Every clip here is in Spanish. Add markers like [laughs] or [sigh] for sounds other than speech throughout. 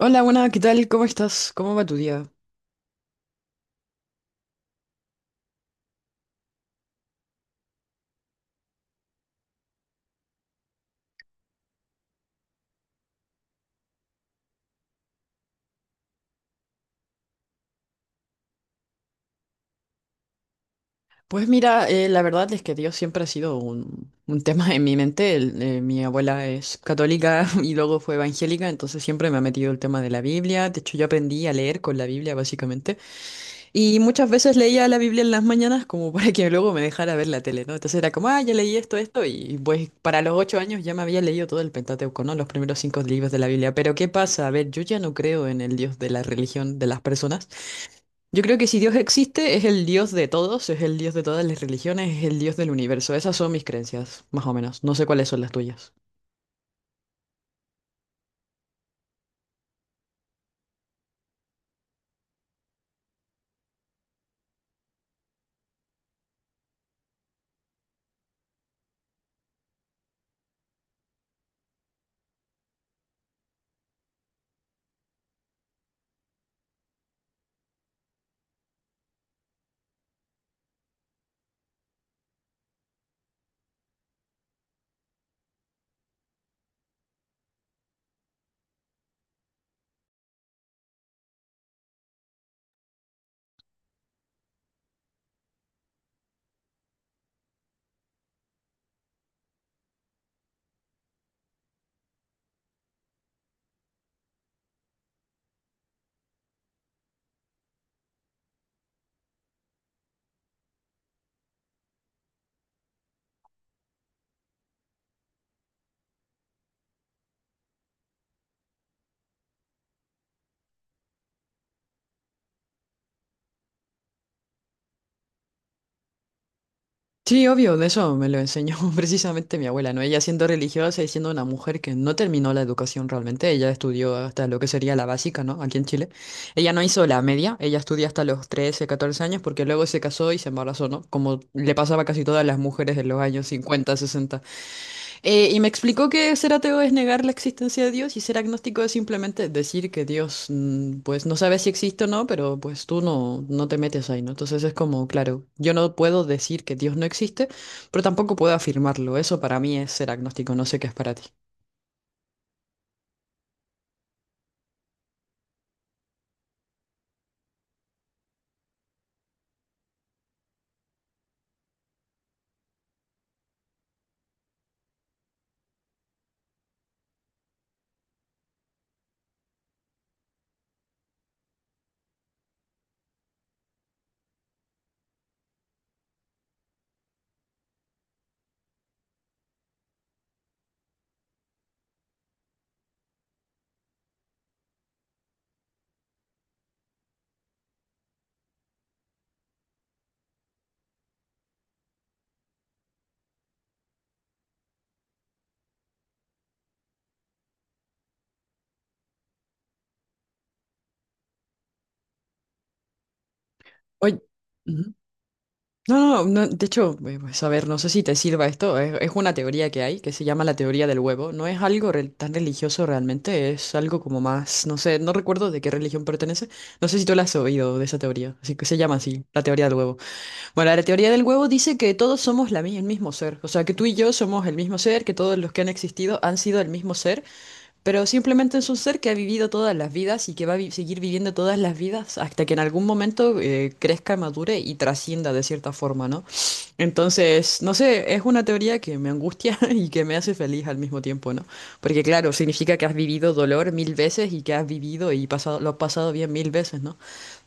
Hola, buenas, ¿qué tal? ¿Cómo estás? ¿Cómo va tu día? Pues mira, la verdad es que Dios siempre ha sido un tema en mi mente. Mi abuela es católica [laughs] y luego fue evangélica, entonces siempre me ha metido el tema de la Biblia. De hecho, yo aprendí a leer con la Biblia, básicamente. Y muchas veces leía la Biblia en las mañanas como [laughs] para que luego me dejara ver la tele, ¿no? Entonces era como, ah, ya leí esto, y pues para los 8 años ya me había leído todo el Pentateuco, ¿no? Los primeros cinco libros de la Biblia. Pero ¿qué pasa? A ver, yo ya no creo en el Dios de la religión de las personas. Yo creo que si Dios existe, es el Dios de todos, es el Dios de todas las religiones, es el Dios del universo. Esas son mis creencias, más o menos. No sé cuáles son las tuyas. Sí, obvio, de eso me lo enseñó [laughs] precisamente mi abuela, ¿no? Ella siendo religiosa y siendo una mujer que no terminó la educación realmente, ella estudió hasta lo que sería la básica, ¿no? Aquí en Chile. Ella no hizo la media, ella estudió hasta los 13, 14 años porque luego se casó y se embarazó, ¿no? Como le pasaba a casi todas las mujeres en los años 50, 60. Y me explicó que ser ateo es negar la existencia de Dios y ser agnóstico es simplemente decir que Dios, pues no sabe si existe o no, pero pues tú no te metes ahí, ¿no? Entonces es como, claro, yo no puedo decir que Dios no existe, pero tampoco puedo afirmarlo. Eso para mí es ser agnóstico, no sé qué es para ti. Oye. No, no, no, de hecho, pues, a ver, no sé si te sirva esto, es una teoría que hay que se llama la teoría del huevo, no es algo tan religioso realmente, es algo como más, no sé, no recuerdo de qué religión pertenece, no sé si tú la has oído de esa teoría, así que se llama así, la teoría del huevo. Bueno, la teoría del huevo dice que todos somos el mismo ser, o sea, que tú y yo somos el mismo ser, que todos los que han existido han sido el mismo ser, pero simplemente es un ser que ha vivido todas las vidas y que va a seguir viviendo todas las vidas hasta que en algún momento crezca, madure y trascienda de cierta forma, ¿no? Entonces, no sé, es una teoría que me angustia [laughs] y que me hace feliz al mismo tiempo, ¿no? Porque claro, significa que has vivido dolor mil veces y que has vivido y pasado, lo has pasado bien mil veces, ¿no?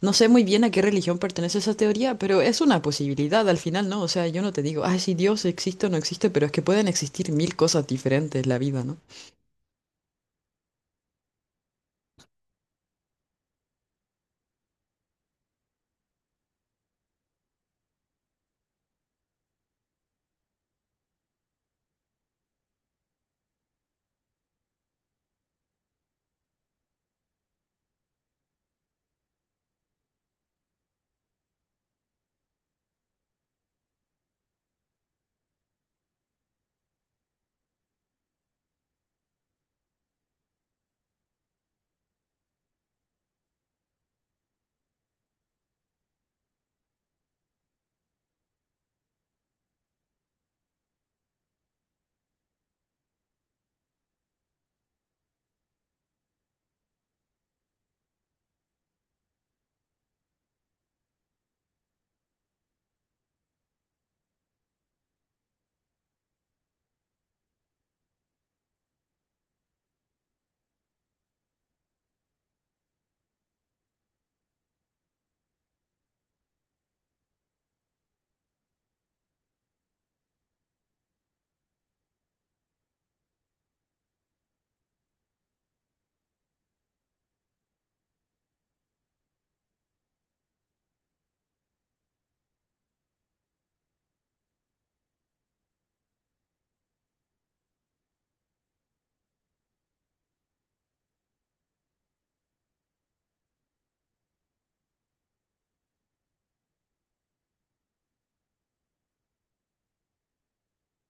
No sé muy bien a qué religión pertenece esa teoría, pero es una posibilidad al final, ¿no? O sea, yo no te digo, ay, si Dios existe o no existe, pero es que pueden existir mil cosas diferentes en la vida, ¿no?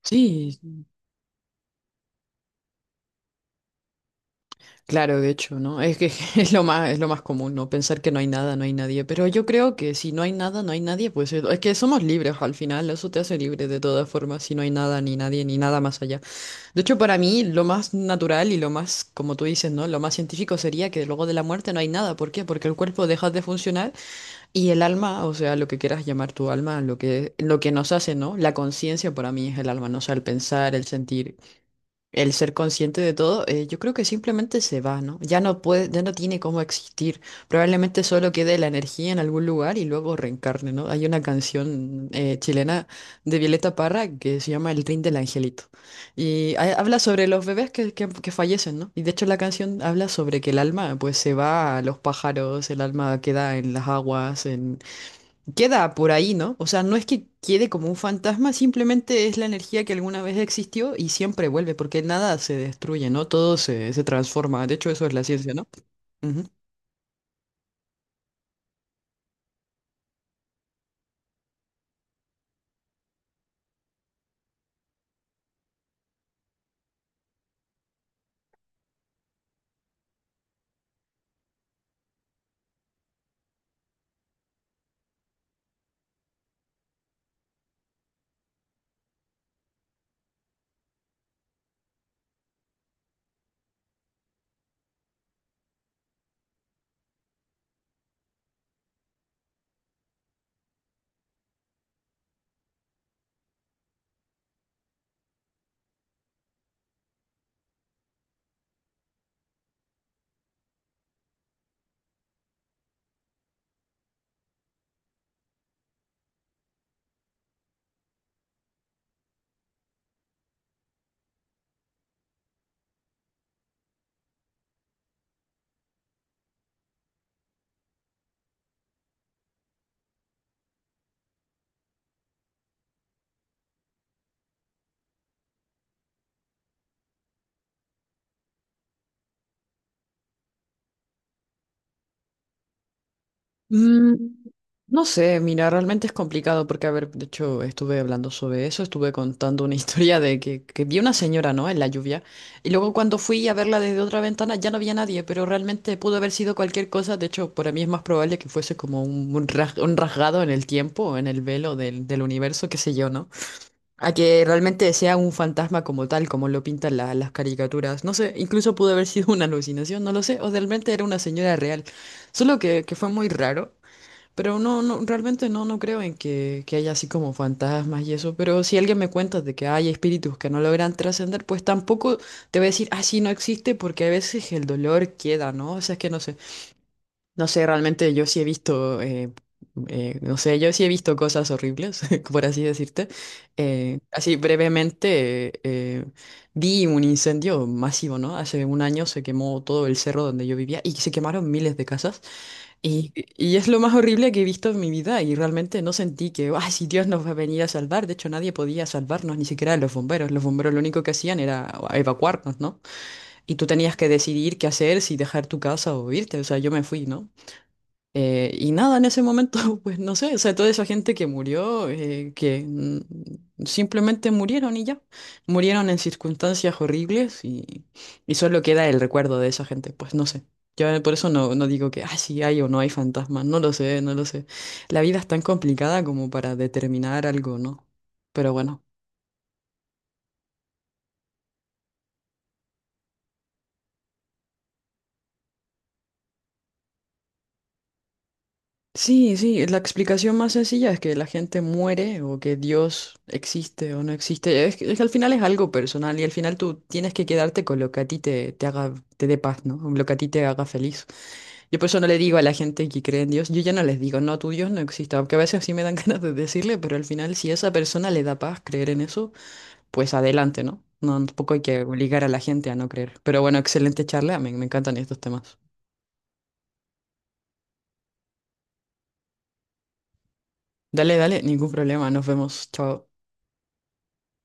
Sí, claro, de hecho, ¿no? Es que [laughs] es lo más común, ¿no? Pensar que no hay nada, no hay nadie. Pero yo creo que si no hay nada, no hay nadie, pues es que somos libres al final, eso te hace libre de todas formas, si no hay nada, ni nadie, ni nada más allá. De hecho, para mí, lo más natural y lo más, como tú dices, ¿no? Lo más científico sería que luego de la muerte no hay nada. ¿Por qué? Porque el cuerpo deja de funcionar y el alma, o sea, lo que quieras llamar tu alma, lo que nos hace, ¿no? La conciencia para mí es el alma, ¿no? O sea, el pensar, el sentir. El ser consciente de todo, yo creo que simplemente se va, ¿no? Ya no puede, ya no tiene cómo existir. Probablemente solo quede la energía en algún lugar y luego reencarne, ¿no? Hay una canción chilena de Violeta Parra que se llama El Rin del Angelito. Y habla sobre los bebés que fallecen, ¿no? Y de hecho la canción habla sobre que el alma pues se va a los pájaros, el alma queda en las aguas, queda por ahí, ¿no? O sea, no es que quede como un fantasma, simplemente es la energía que alguna vez existió y siempre vuelve, porque nada se destruye, ¿no? Todo se, se transforma. De hecho, eso es la ciencia, ¿no? Ujú. Mm, no sé, mira, realmente es complicado porque, a ver, de hecho, estuve hablando sobre eso, estuve contando una [laughs] historia de que vi una señora, ¿no? En la lluvia. Y luego cuando fui a verla desde otra ventana ya no había nadie, pero realmente pudo haber sido cualquier cosa. De hecho, para mí es más probable que fuese como un rasgado en el tiempo, en el velo del universo, qué sé yo, ¿no? A que realmente sea un fantasma como tal, como lo pintan las caricaturas. No sé, incluso pudo haber sido una alucinación, no lo sé, o realmente era una señora real. Solo que fue muy raro. Pero no, no, realmente no creo en que haya así como fantasmas y eso. Pero si alguien me cuenta de que hay espíritus que no logran trascender, pues tampoco te voy a decir, ah, sí, no existe, porque a veces el dolor queda, ¿no? O sea, es que no sé. No sé, realmente yo sí he visto, no sé, yo sí he visto cosas horribles, [laughs] por así decirte. Así brevemente, vi un incendio masivo, ¿no? Hace un año se quemó todo el cerro donde yo vivía y se quemaron miles de casas. Y es lo más horrible que he visto en mi vida y realmente no sentí que, ay, si Dios nos va a venir a salvar, de hecho nadie podía salvarnos, ni siquiera los bomberos lo único que hacían era evacuarnos, ¿no? Y tú tenías que decidir qué hacer, si dejar tu casa o irte, o sea, yo me fui, ¿no? Y nada, en ese momento, [laughs] pues no sé, o sea, toda esa gente que murió, que simplemente murieron y ya, murieron en circunstancias horribles y solo queda el recuerdo de esa gente, pues no sé. Yo por eso no digo que, ah, sí hay o no hay fantasmas, no lo sé, no lo sé. La vida es tan complicada como para determinar algo, ¿no? Pero bueno. Sí, sí, la explicación más sencilla es que la gente muere o que Dios existe o no existe. Es que al final es algo personal y al final tú tienes que quedarte con lo que a ti te haga, te dé paz, ¿no? Lo que a ti te haga feliz. Yo por eso no le digo a la gente que cree en Dios, yo ya no les digo, no, tu Dios no existe, aunque a veces sí me dan [laughs] ganas de decirle, pero al final si a esa persona le da paz creer en eso, pues adelante, ¿no? No, tampoco hay que obligar a la gente a no creer. Pero bueno, excelente charla, me encantan estos temas. Dale, dale, ningún problema, nos vemos, chao.